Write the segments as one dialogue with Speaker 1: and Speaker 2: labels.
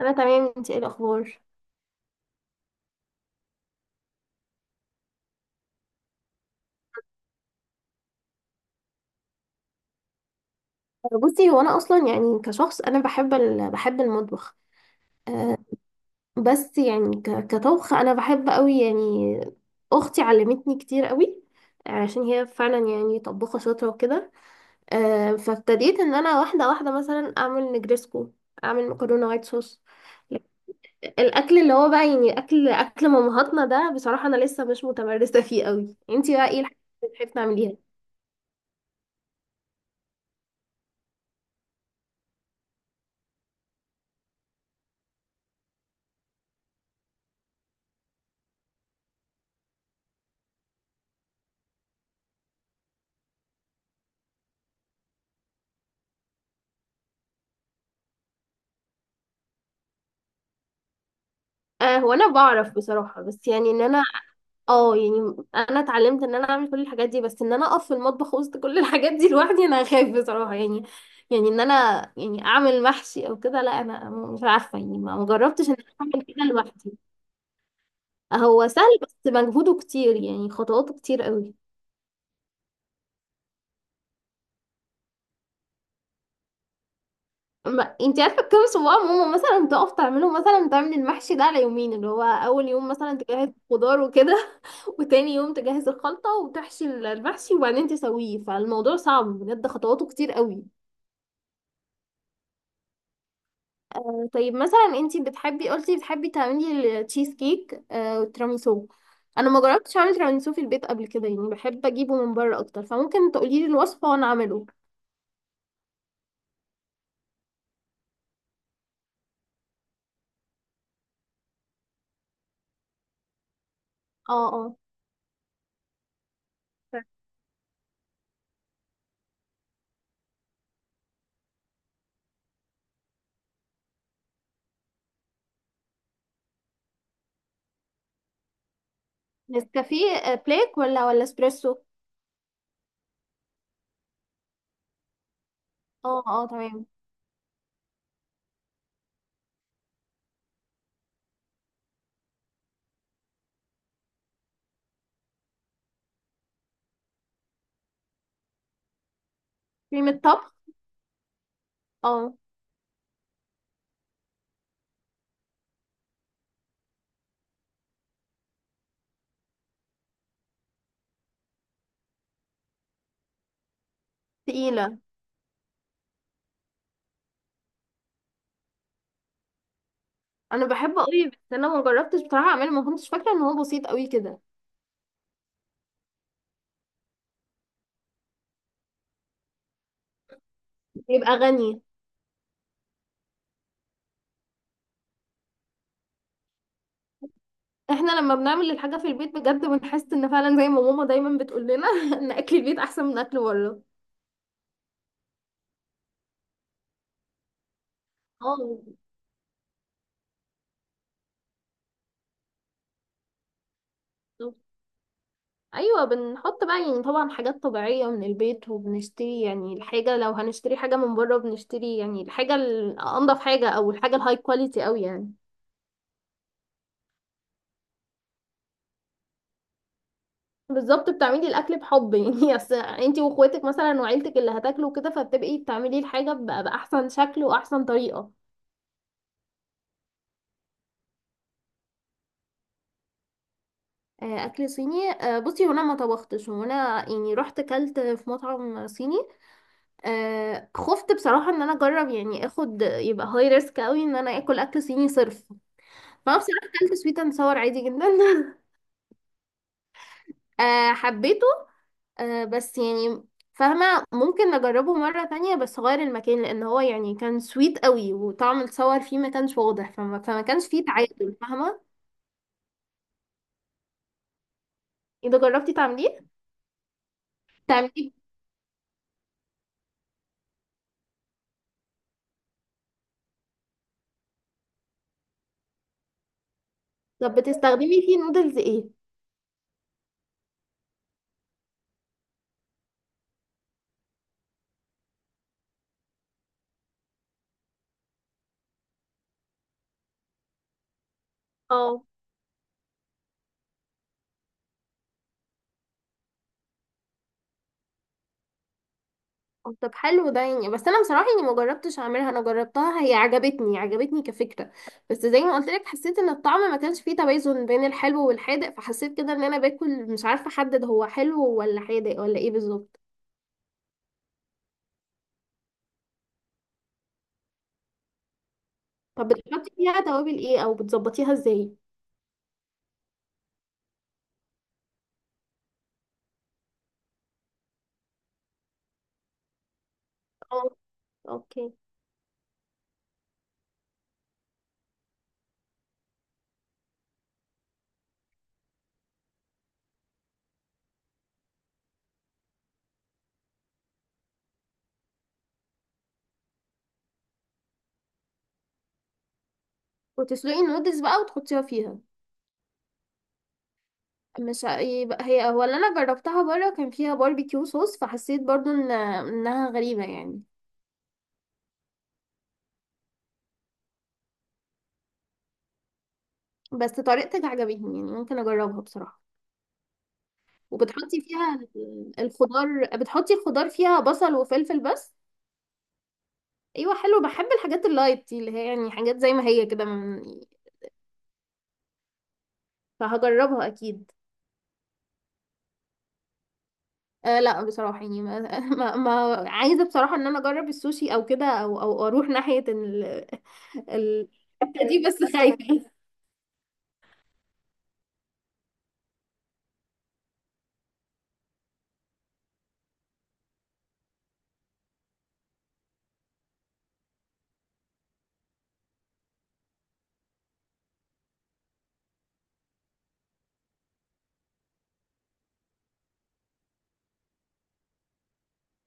Speaker 1: انا تمام، انت ايه الاخبار؟ بصي، هو انا اصلا يعني كشخص انا بحب بحب المطبخ. أه. بس يعني كطبخ انا بحب قوي يعني. اختي علمتني كتير قوي، عشان هي فعلا يعني طباخه شاطره وكده. أه، فابتديت ان انا واحده واحده مثلا اعمل نجريسكو، اعمل مكرونه وايت صوص. الاكل اللي هو بقى يعني اكل مامهاتنا ده بصراحه انا لسه مش متمرسه فيه قوي. انت بقى ايه الحاجات اللي بتحبي تعمليها؟ أه، هو انا بعرف بصراحه، بس يعني ان انا. اه، يعني انا اتعلمت ان انا اعمل كل الحاجات دي، بس ان انا اقف في المطبخ وسط كل الحاجات دي لوحدي انا هخاف بصراحه يعني. يعني ان انا. يعني اعمل محشي او كده، لا انا مش عارفه يعني ما جربتش ان انا اعمل كده لوحدي. هو سهل بس مجهوده كتير يعني، خطواته كتير قوي. ما انت عارفه كام صباع، ماما مثلا تقف تعمله، مثلا تعمل المحشي ده على يومين، اللي هو اول يوم مثلا تجهز خضار وكده، وتاني يوم تجهز الخلطه وتحشي المحشي وبعدين تسويه، فالموضوع صعب بجد، خطواته كتير قوي. طيب، مثلا انتي قلتي بتحبي تعملي التشيز كيك، آه، والتيراميسو. انا ما جربتش اعمل تيراميسو في البيت قبل كده يعني، بحب اجيبه من بره اكتر، فممكن تقولي لي الوصفه وانا اعمله. اه، اه. نسكافيه، بلاك ولا اسبريسو؟ اه، اه، تمام. كريمه طبخ. اه، تقيله. انا بحبه قوي بس انا ما جربتش بصراحه اعمله، ما كنتش فاكره ان هو بسيط قوي كده. يبقى غني. احنا لما بنعمل الحاجه في البيت بجد بنحس ان فعلا زي ما ماما دايما بتقول لنا ان اكل البيت احسن من اكل بره. اه. ايوه، بنحط بقى يعني طبعا حاجات طبيعيه من البيت وبنشتري يعني الحاجه، لو هنشتري حاجه من بره بنشتري يعني الحاجه الانضف حاجه او الحاجه الهاي كواليتي قوي يعني. بالظبط، بتعملي الاكل بحب يعني اصل انتي واخواتك مثلا وعيلتك اللي هتاكلوا كده، فبتبقي بتعملي الحاجه باحسن شكل واحسن طريقه. آه، اكل صيني، بصي، هنا ما طبختش وانا يعني رحت كلت في مطعم صيني. آه، خفت بصراحه ان انا اجرب يعني اخد، يبقى هاي ريسك قوي ان انا اكل اكل صيني صرف. فهو بصراحة اكلت سويت اند صور عادي جدا. آه، حبيته. آه، بس يعني، فاهمة، ممكن نجربه مرة تانية بس غير المكان، لأن هو يعني كان سويت قوي وطعم الصور فيه ما كانش واضح، فما كانش فيه تعادل، فاهمة. إذا جربتي تعمليه. تعمليه. طب بتستخدمي فيه نودلز ايه؟ اه. طب حلو ده يعني، بس انا بصراحه يعني ما جربتش اعملها، انا جربتها هي عجبتني عجبتني كفكره. بس زي ما قلت لك حسيت ان الطعم ما كانش فيه توازن بين الحلو والحادق، فحسيت كده ان انا باكل مش عارفه احدد هو حلو ولا حادق ولا ايه بالظبط. طب بتحطي فيها توابل ايه او بتظبطيها ازاي؟ اه، اوكي. وتسلقي النودلز بقى وتحطيها فيها. مش يبقى هي هو اللي انا جربتها بره كان فيها باربيكيو صوص، فحسيت برضو ان انها غريبه يعني. بس طريقتك عجبتني يعني ممكن اجربها بصراحه. وبتحطي فيها الخضار، بتحطي الخضار فيها بصل وفلفل بس؟ ايوه، حلو، بحب الحاجات اللايت دي اللي هي يعني حاجات زي ما هي كده فهجربها اكيد. آه، لا بصراحة يعني ما, ما عايزة بصراحة ان انا اجرب السوشي او كده او اروح ناحية ال ال الحتة دي بس خايفة.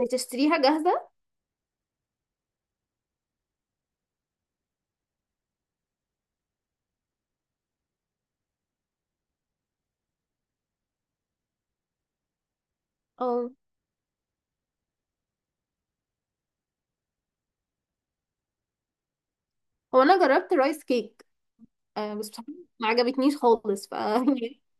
Speaker 1: بتشتريها جاهزة؟ اه، هو انا جربت رايس كيك. آه، بس بصراحة ما عجبتنيش خالص، ف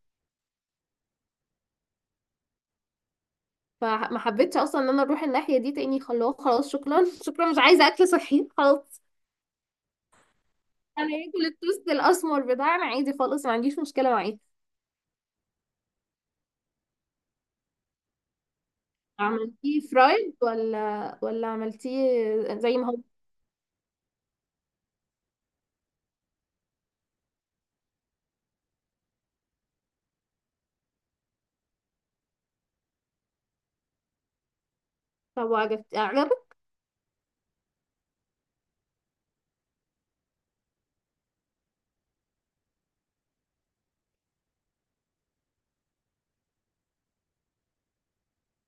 Speaker 1: فما حبيتش اصلا ان انا اروح الناحيه دي تاني، خلاص خلاص شكرا، شكرا، مش عايزه اكل صحي خلاص. انا اكل التوست الاسمر بتاعنا عادي خالص، ما عنديش مشكله معاه. عملتيه فرايد ولا عملتيه زي ما هو؟ طب وعجبت عجبك؟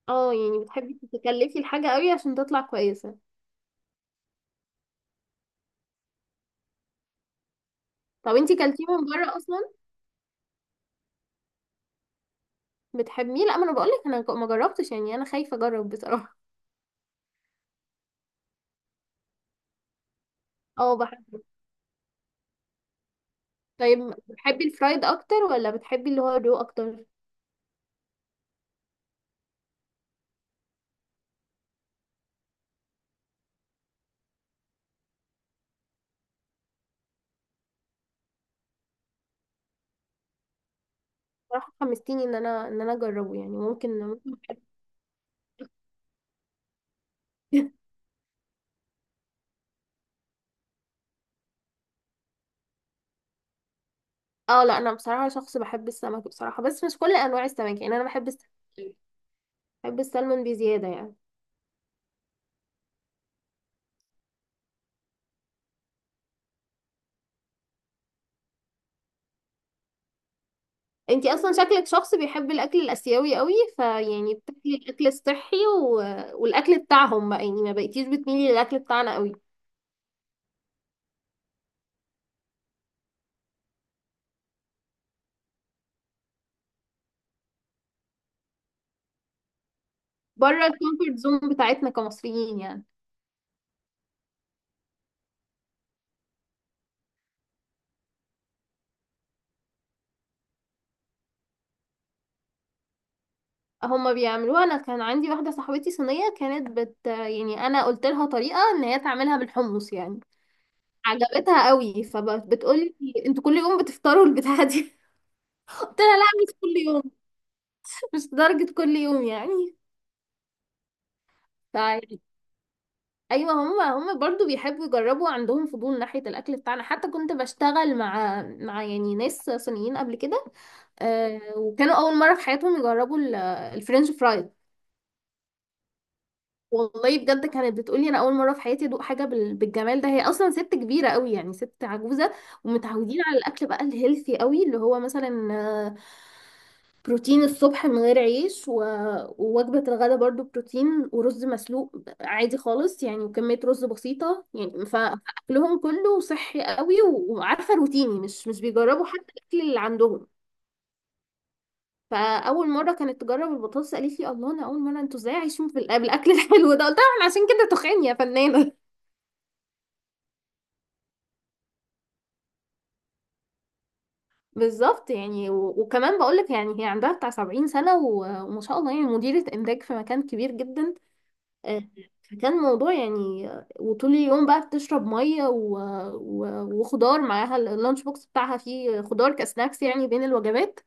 Speaker 1: اه يعني، بتحبي تتكلفي الحاجه قوي عشان تطلع كويسه. طب انتي كلتيه من بره اصلا؟ بتحبيه؟ لا، ما انا بقولك انا ما جربتش يعني، انا خايفه اجرب بصراحه. اه، بحب. طيب بتحبي الفرايد اكتر ولا بتحبي اللي هو الرو اكتر؟ بصراحة حمستيني ان انا اجربه يعني ممكن. ممكن. اه لا، انا بصراحة شخص بحب السمك بصراحة، بس مش كل انواع السمك، يعني انا بحب السمك، بحب السلمون بزيادة يعني. انتي اصلا شكلك شخص بيحب الاكل الاسيوي قوي، فيعني بتاكلي الاكل الصحي والاكل بتاعهم بقى يعني، ما بقيتيش بتميلي للاكل بتاعنا قوي. بره الكومفورت زون بتاعتنا كمصريين يعني. هما بيعملوها، انا كان عندي واحدة صاحبتي صينية كانت بت يعني، انا قلت لها طريقة ان هي تعملها بالحمص يعني. عجبتها قوي فبتقولي انتوا كل يوم بتفطروا البتاعه دي؟ قلت لها لا، مش كل يوم، مش لدرجه كل يوم يعني. فيعني، ايوه، هم برضو بيحبوا يجربوا، عندهم فضول ناحيه الاكل بتاعنا. حتى كنت بشتغل مع يعني ناس صينيين قبل كده. آه، وكانوا اول مره في حياتهم يجربوا الفرنش فرايز. والله بجد كانت بتقولي انا اول مره في حياتي ادوق حاجه بالجمال ده. هي اصلا ست كبيره قوي يعني، ست عجوزه، ومتعودين على الاكل بقى الهيلثي قوي، اللي هو مثلا بروتين الصبح من غير عيش ووجبة الغداء برضو بروتين ورز مسلوق عادي خالص يعني، وكمية رز بسيطة يعني، فأكلهم كله صحي قوي، وعارفة روتيني، مش بيجربوا حتى الأكل اللي عندهم. فأول مرة كانت تجرب البطاطس قالت لي الله، أنا أول مرة، أنتوا إزاي عايشين في الأكل الحلو ده. قلت لها "إحنا عشان كده تخان يا فنانة." بالظبط يعني، وكمان بقولك يعني هي عندها بتاع 70 سنة، وما شاء الله يعني مديرة إنتاج في مكان كبير جدا. آه، فكان موضوع يعني، وطول اليوم بقى بتشرب مية وخضار معاها اللانش بوكس بتاعها فيه خضار كسناكس يعني بين الوجبات.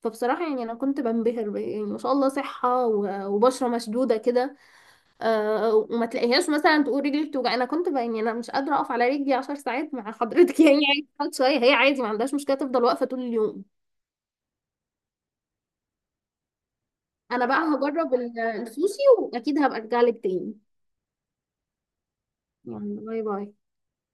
Speaker 1: فبصراحة يعني أنا كنت بنبهر يعني ما شاء الله، صحة وبشرة مشدودة كده. آه، وما تلاقيهاش مثلا تقول رجلي بتوجع. أنا كنت يعني أنا مش قادرة أقف على رجلي 10 ساعات مع حضرتك، يعني عادي تقعد شوية، هي عادي ما عندهاش مشكلة تفضل واقفة طول اليوم. أنا بقى هجرب السوشي وأكيد هبقى أرجع لك تاني. يعني باي باي.